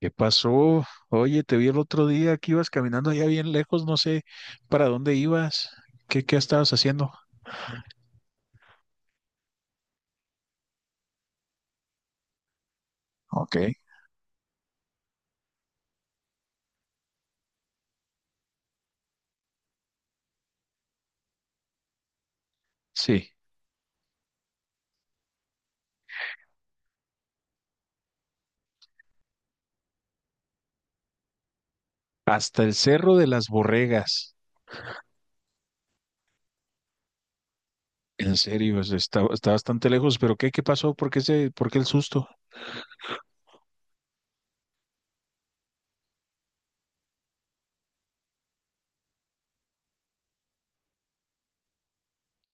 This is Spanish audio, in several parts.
¿Qué pasó? Oye, te vi el otro día que ibas caminando allá bien lejos, no sé para dónde ibas. ¿Qué estabas haciendo? Ok, sí. Hasta el Cerro de las Borregas. En serio, está bastante lejos, pero ¿qué pasó? ¿Por qué el susto?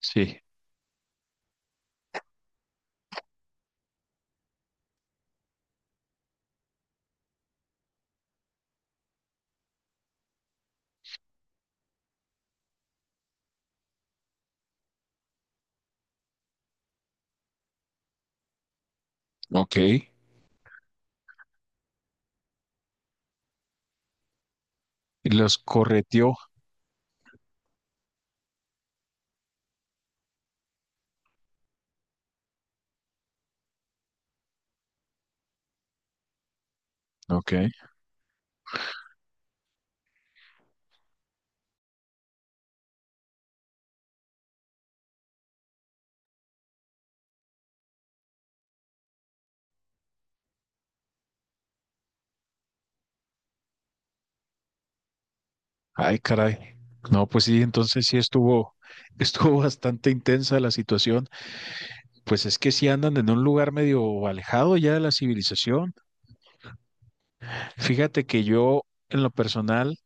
Sí, ok. Y los correteó. Ok. Ay, caray. No, pues sí, entonces sí estuvo, estuvo bastante intensa la situación. Pues es que sí andan en un lugar medio alejado ya de la civilización. Fíjate que yo en lo personal,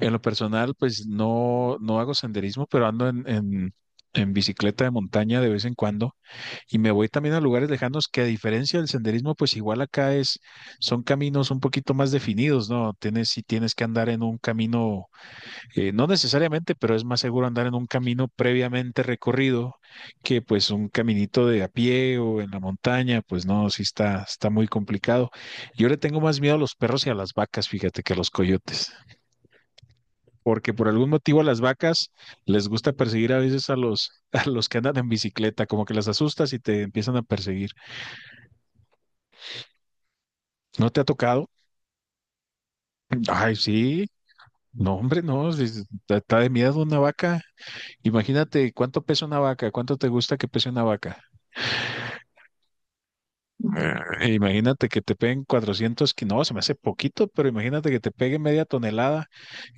en lo personal, pues no, no hago senderismo, pero ando en bicicleta de montaña de vez en cuando y me voy también a lugares lejanos que a diferencia del senderismo, pues igual acá es, son caminos un poquito más definidos, ¿no? Tienes, sí tienes que andar en un camino no necesariamente, pero es más seguro andar en un camino previamente recorrido que pues un caminito de a pie o en la montaña, pues no, sí está, está muy complicado. Yo le tengo más miedo a los perros y a las vacas, fíjate, que a los coyotes, porque por algún motivo a las vacas les gusta perseguir a veces a los, a los que andan en bicicleta, como que las asustas y te empiezan a perseguir. ¿No te ha tocado? Ay, sí. No, hombre, no, sí, sí, está de miedo una vaca. Imagínate cuánto pesa una vaca, cuánto te gusta que pese una vaca. Imagínate que te peguen 400, no, se me hace poquito, pero imagínate que te peguen media tonelada,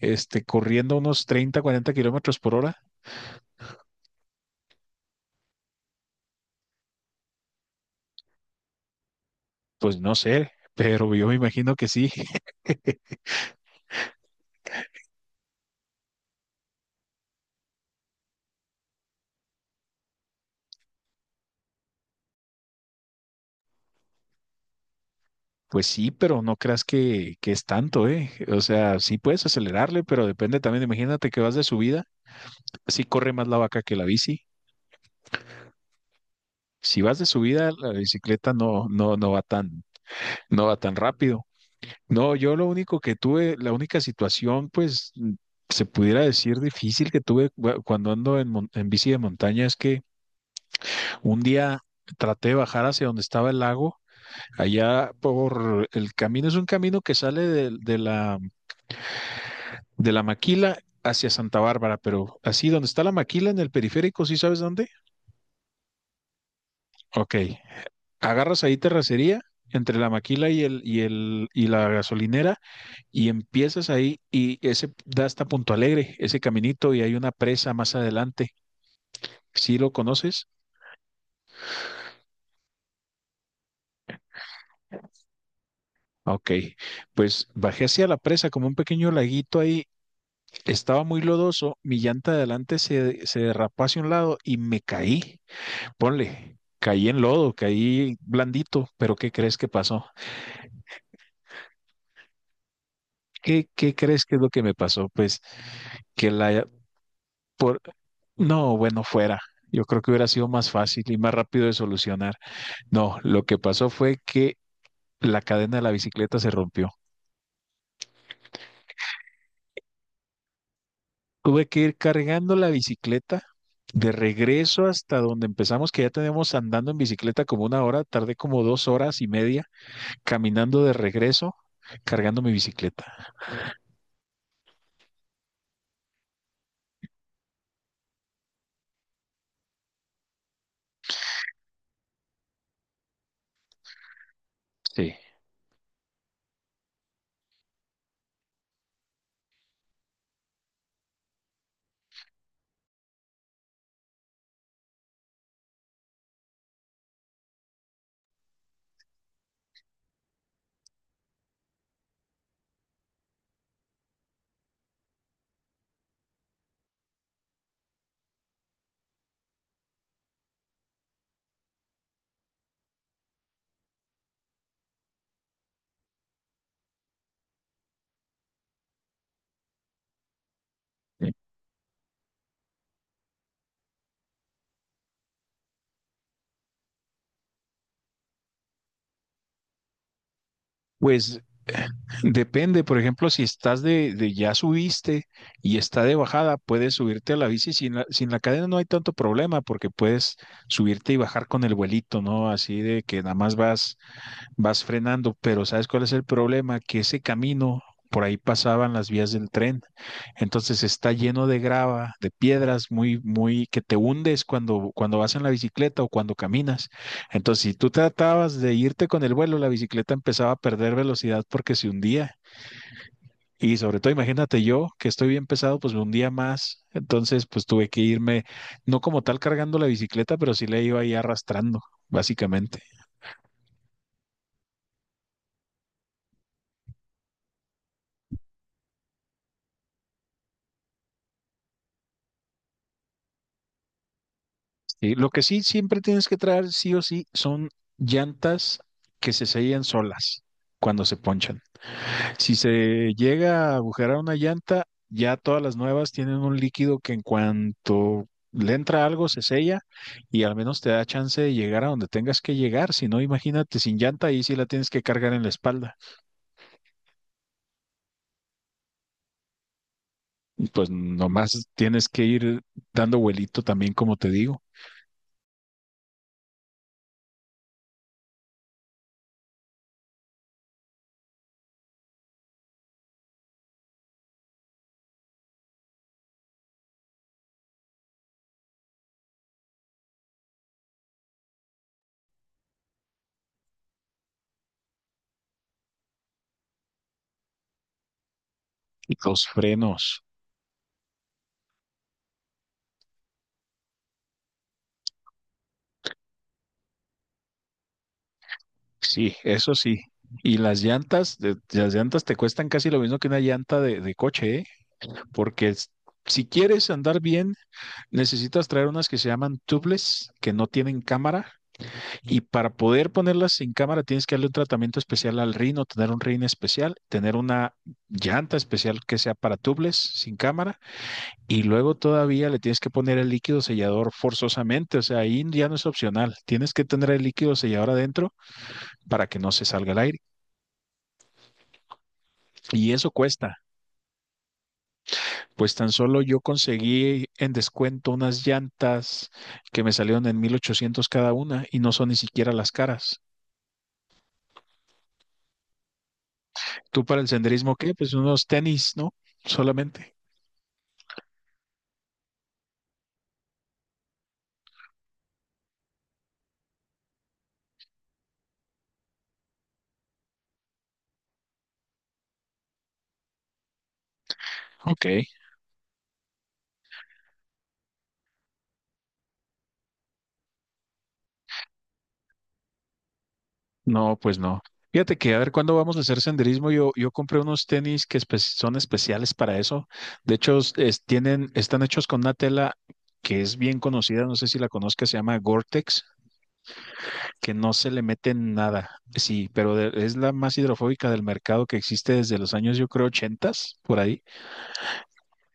este, corriendo unos 30, 40 kilómetros por hora, pues no sé, pero yo me imagino que sí. Pues sí, pero no creas que es tanto, ¿eh? O sea, sí puedes acelerarle, pero depende también. Imagínate que vas de subida, sí corre más la vaca que la bici. Si vas de subida, la bicicleta no, no, no va tan, no va tan rápido. No, yo lo único que tuve, la única situación, pues se pudiera decir difícil que tuve cuando ando en, en bici de montaña es que un día traté de bajar hacia donde estaba el lago, allá por el camino, es un camino que sale de la Maquila hacia Santa Bárbara, pero así donde está la Maquila en el periférico, ¿sí sabes dónde? Ok, agarras ahí terracería entre la Maquila y la gasolinera y empiezas ahí y ese da hasta Punto Alegre, ese caminito y hay una presa más adelante. ¿Sí lo conoces? Ok, pues bajé hacia la presa como un pequeño laguito ahí. Estaba muy lodoso, mi llanta de adelante se, se derrapó hacia un lado y me caí. Ponle, caí en lodo, caí blandito, pero ¿qué crees que pasó? ¿Qué crees que es lo que me pasó? Pues que la... Por... No, bueno, fuera. Yo creo que hubiera sido más fácil y más rápido de solucionar. No, lo que pasó fue que la cadena de la bicicleta se rompió. Tuve que ir cargando la bicicleta de regreso hasta donde empezamos, que ya tenemos andando en bicicleta como una hora, tardé como 2 horas y media caminando de regreso, cargando mi bicicleta. Sí. Sí. Pues depende, por ejemplo, si estás de ya subiste y está de bajada, puedes subirte a la bici sin la cadena, no hay tanto problema porque puedes subirte y bajar con el vuelito, ¿no? Así de que nada más vas frenando, pero ¿sabes cuál es el problema? Que ese camino, por ahí pasaban las vías del tren, entonces está lleno de grava, de piedras, muy, muy, que te hundes cuando vas en la bicicleta o cuando caminas. Entonces, si tú tratabas de irte con el vuelo, la bicicleta empezaba a perder velocidad porque se hundía. Y sobre todo, imagínate yo, que estoy bien pesado, pues me hundía más. Entonces, pues tuve que irme, no como tal cargando la bicicleta, pero sí la iba ahí arrastrando, básicamente. Sí, lo que sí siempre tienes que traer, sí o sí, son llantas que se sellan solas cuando se ponchan. Si se llega a agujerar una llanta, ya todas las nuevas tienen un líquido que en cuanto le entra algo se sella y al menos te da chance de llegar a donde tengas que llegar. Si no, imagínate sin llanta, ahí sí la tienes que cargar en la espalda. Y pues nomás tienes que ir dando vuelito también, como te digo. Los frenos. Sí, eso sí. Y las llantas, las llantas te cuestan casi lo mismo que una llanta de coche, ¿eh? Porque si quieres andar bien, necesitas traer unas que se llaman tubeless, que no tienen cámara. Y para poder ponerlas sin cámara, tienes que darle un tratamiento especial al rino, tener un rin especial, tener una llanta especial que sea para tubeless, sin cámara. Y luego todavía le tienes que poner el líquido sellador forzosamente. O sea, ahí ya no es opcional. Tienes que tener el líquido sellador adentro para que no se salga el aire. Y eso cuesta. Pues tan solo yo conseguí en descuento unas llantas que me salieron en 1800 cada una y no son ni siquiera las caras. ¿Tú para el senderismo qué? Pues unos tenis, ¿no? Solamente. Ok. No, pues no. Fíjate que a ver cuándo vamos a hacer senderismo. Yo compré unos tenis que son especiales para eso. De hecho, tienen, están hechos con una tela que es bien conocida, no sé si la conozcas, se llama Gore-Tex. Que no se le mete nada. Sí, pero es la más hidrofóbica del mercado que existe desde los años, yo creo, 80s, por ahí.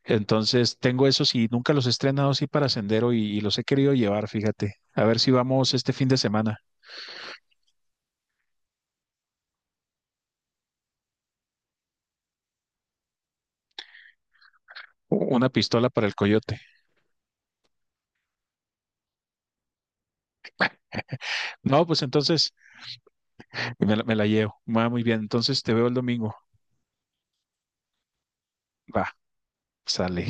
Entonces, tengo esos y nunca los he estrenado así para sendero y los he querido llevar, fíjate. A ver si vamos este fin de semana. Una pistola para el coyote. No, pues entonces me la llevo. Va muy bien. Entonces te veo el domingo. Va, sale.